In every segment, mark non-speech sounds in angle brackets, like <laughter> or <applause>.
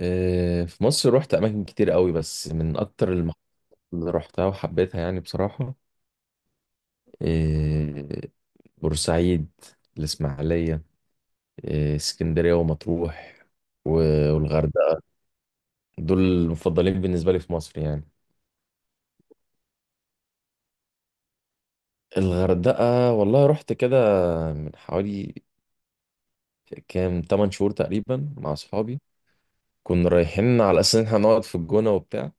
آه، في مصر رحت اماكن كتير قوي بس من اكتر المحافظات اللي رحتها وحبيتها يعني بصراحة. آه، بورسعيد، الاسماعيلية، اسكندرية، ومطروح و- والغردقة. دول المفضلين بالنسبة لي في مصر يعني. الغردقة والله رحت كده من حوالي كام 8 شهور تقريبا مع اصحابي. كنا رايحين على اساس ان احنا نقعد في الجونة وبتاع.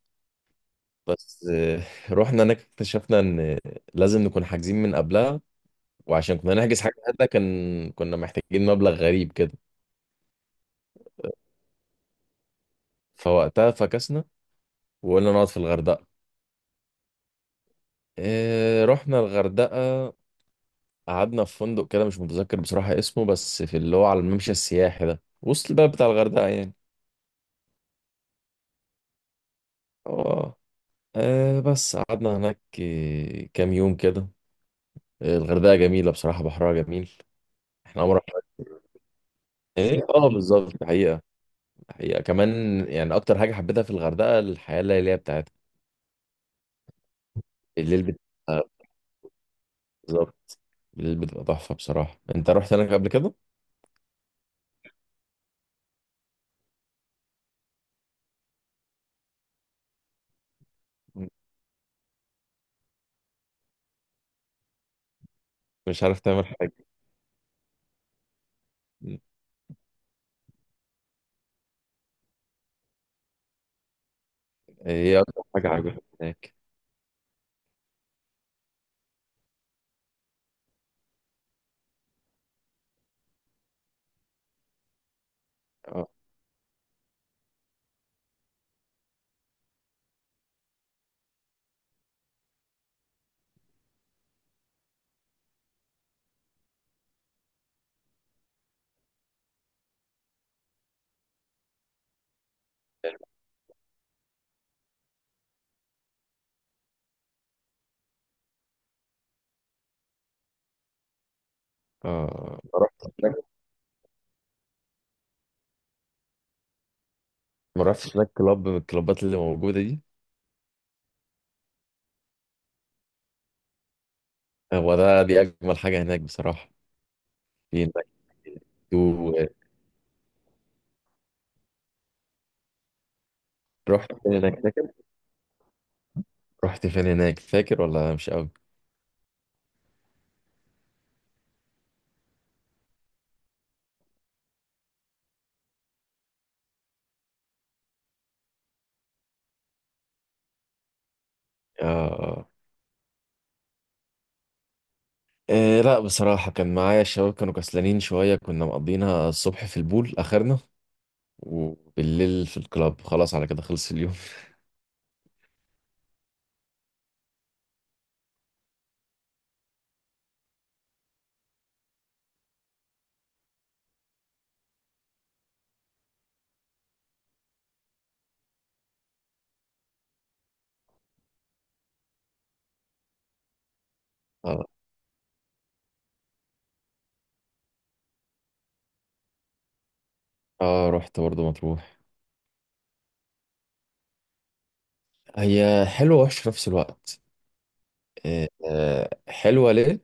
بس <laughs> رحنا هناك اكتشفنا ان لازم نكون حاجزين من قبلها. وعشان كنا نحجز حاجة هنا كان كنا محتاجين مبلغ غريب كده. فوقتها فكسنا وقلنا نقعد في الغردقة. إيه، رحنا الغردقة، قعدنا في فندق كده مش متذكر بصراحة اسمه، بس في اللي هو على الممشى السياحي ده وسط البلد بتاع الغردقة يعني. اه. بس قعدنا هناك كام يوم كده. الغردقة جميلة بصراحة، بحرها جميل. احنا عمرنا. ايه، اه، بالظبط. الحقيقة كمان يعني اكتر حاجة حبيتها في الغردقة الحياة الليلية بتاعتها. الليل بتاعها، بالظبط، الليل بتبقى تحفة بصراحة. انت رحت هناك قبل كده؟ مش عارف تعمل حاجة. ايه اكتر حاجة عجبتك هناك؟ اه، اه، ما رحتش هناك كلاب من الكلابات اللي موجودة دي. هو ده دي أجمل حاجة هناك بصراحة. في هناك. تو. رحت فين هناك فاكر؟ رحت فين هناك فاكر ولا مش قوي؟ اه، اه، إيه، لا بصراحة كان معايا الشباب كانوا كسلانين شوية، كنا مقضينا الصبح في البول آخرنا، وبالليل في الكلاب، خلاص على كده خلص اليوم. <laughs> اه، اه، رحت برضه مطروح. هي حلوة ووحشة في نفس الوقت. حلوة ليه؟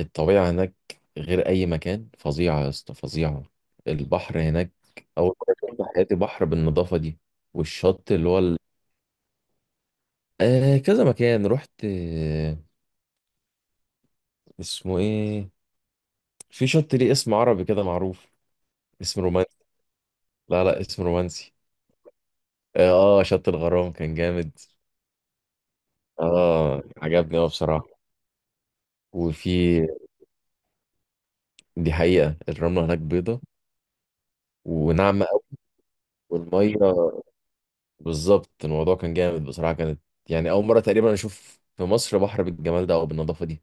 الطبيعة هناك غير أي مكان، فظيعة يا اسطى، فظيعة. البحر هناك أول مرة شفت في حياتي بحر بالنظافة دي، والشط اللي هو ال... آه، كذا مكان رحت. آه، اسمه إيه؟ في شط ليه اسم عربي كده معروف، اسم رومانسي. لا، لا، اسم رومانسي. آه، آه، شط الغرام كان جامد. آه، عجبني أوي بصراحة. وفي. دي حقيقة الرملة هناك بيضة وناعمة أوي، والميه بالظبط. الموضوع كان جامد بصراحة. كانت يعني أول مرة تقريبا أشوف في مصر بحر بالجمال ده أو بالنظافة دي.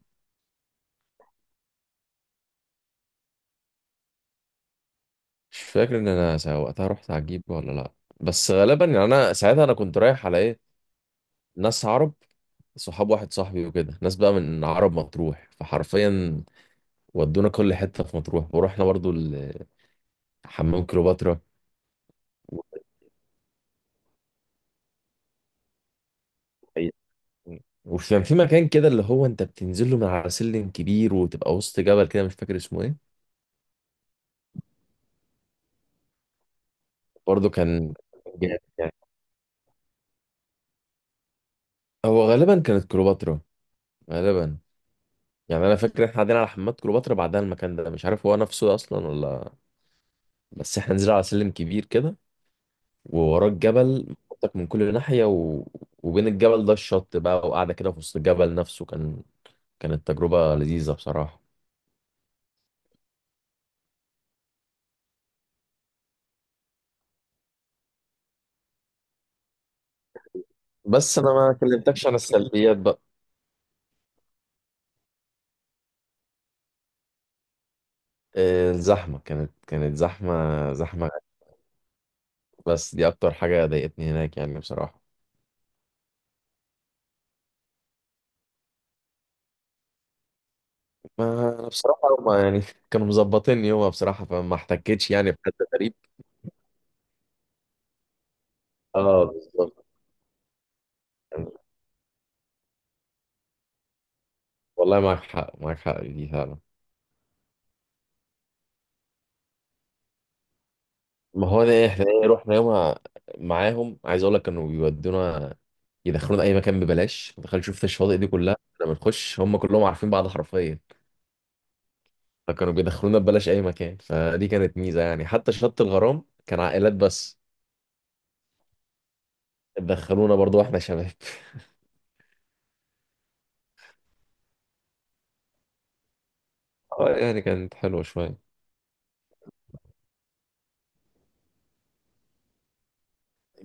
مش فاكر إن أنا وقتها رحت عجيبة ولا لأ. بس غالبا، يعني أنا ساعتها أنا كنت رايح على إيه، ناس عرب. صحاب واحد صاحبي وكده ناس بقى من عرب مطروح، فحرفيا ودونا كل حتة في مطروح، ورحنا برضو حمام كليوباترا. و- وكان في مكان كده اللي هو أنت بتنزل له من على سلم كبير وتبقى وسط جبل كده، مش فاكر اسمه إيه. برضو كان جامد يعني. هو غالبا كانت كليوباترا، غالبا. يعني انا فاكر احنا قاعدين على حمامات كليوباترا، بعدها المكان ده مش عارف هو نفسه اصلا ولا. بس احنا نزلنا على سلم كبير كده، ووراه الجبل منطق من كل ناحيه و... وبين الجبل ده الشط بقى، وقاعده كده في وسط الجبل نفسه. كانت تجربه لذيذه بصراحه. بس انا ما كلمتكش عن السلبيات بقى. الزحمه كانت زحمه زحمه. بس دي اكتر حاجه ضايقتني هناك يعني بصراحه. ما انا بصراحه هما يعني <laughs> كانوا مظبطيني، هو بصراحه فما احتكتش يعني بحد غريب. اه، بالظبط. والله معاك حق، معاك حق في دي فعلا. ما هو ده احنا، ايه رحنا يومها معاهم، عايز اقول لك كانوا بيودونا، يدخلونا اي مكان ببلاش. ما دخلت شفت الشواطئ دي كلها احنا بنخش، هم كلهم عارفين بعض حرفيا. فكانوا بيدخلونا ببلاش اي مكان، فدي كانت ميزه يعني. حتى شط الغرام كان عائلات بس دخلونا برضو واحنا شباب. <laughs> اه، يعني كانت حلوه شويه.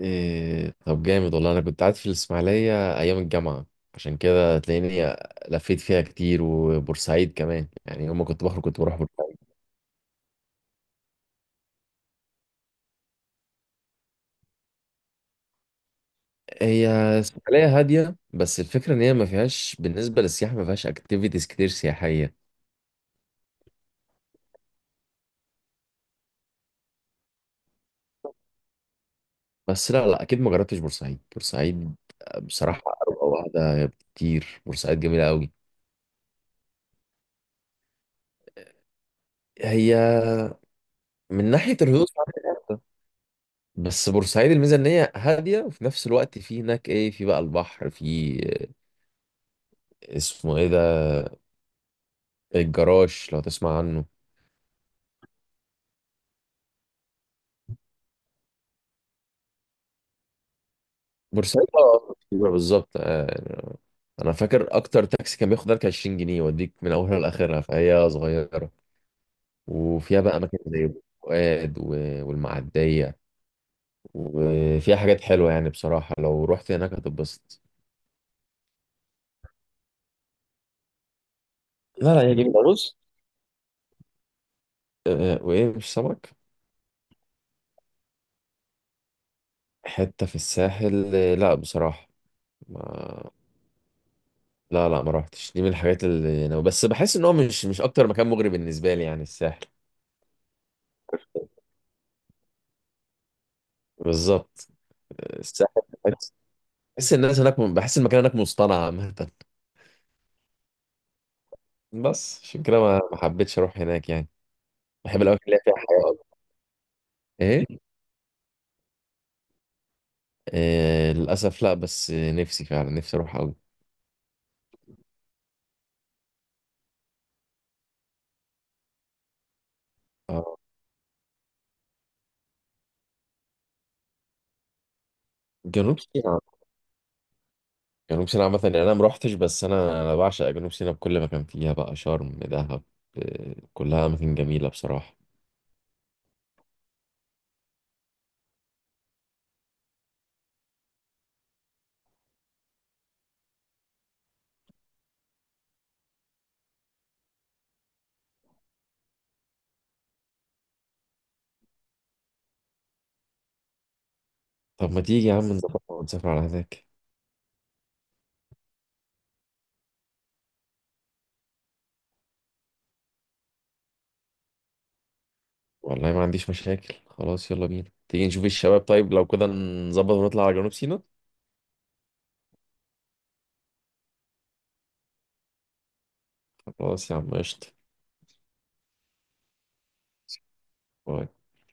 إيه، طب جامد والله. انا كنت قاعد في الاسماعيليه ايام الجامعه. عشان كده تلاقيني لفيت فيها كتير، وبورسعيد كمان يعني، يوم ما كنت بخرج كنت بروح بورسعيد. هي ساحلية هادية، بس الفكرة إن هي ما فيهاش بالنسبة للسياحة، ما فيهاش أكتيفيتيز كتير سياحية. بس لا، لا، أكيد ما جربتش بورسعيد. بورسعيد بصراحة أروقة واحدة كتير، بورسعيد جميلة أوي. هي من ناحية الهدوء فعلاً، جامدة. بس بورسعيد الميزة إن هي هادية، وفي نفس الوقت في هناك إيه، في بقى البحر، في اسمه إيه ده، الجراش، لو تسمع عنه. بورسعيد، اه، أيوة بالظبط. يعني انا فاكر اكتر تاكسي كان بياخد لك 20 جنيه يوديك من اولها لاخرها، فهي صغيره. وفيها بقى اماكن زي فؤاد و- والمعديه، وفيها حاجات حلوه يعني بصراحه، لو رحت هناك هتتبسط. لا، لا، هي جميله بص. وايه مش سمك. حته في الساحل، لا بصراحه. ما. لا، لا، ما رحتش. دي من الحاجات اللي انا بس بحس ان هو مش اكتر مكان مغري بالنسبه لي يعني الساحل. بالظبط، الساحل. بحس الناس هناك، بحس المكان هناك مصطنع عامة. بس عشان كده ما حبيتش اروح هناك يعني. بحب الاماكن اللي هي فيها حياة أوي. ايه. آه، للاسف لا، بس نفسي فعلا، نفسي اروح قوي. آه، جنوب سيناء. جنوب سيناء عامة يعني انا ما روحتش، بس انا بعشق جنوب سيناء بكل مكان فيها، بقى شرم، دهب، آه، كلها اماكن جميلة بصراحة. طب ما تيجي يا عم نظبط ونسافر على هناك. والله ما عنديش مشاكل، خلاص يلا بينا، تيجي نشوف الشباب، طيب لو كده نظبط ونطلع على جنوب سيناء. خلاص يا عم قشطة. باي.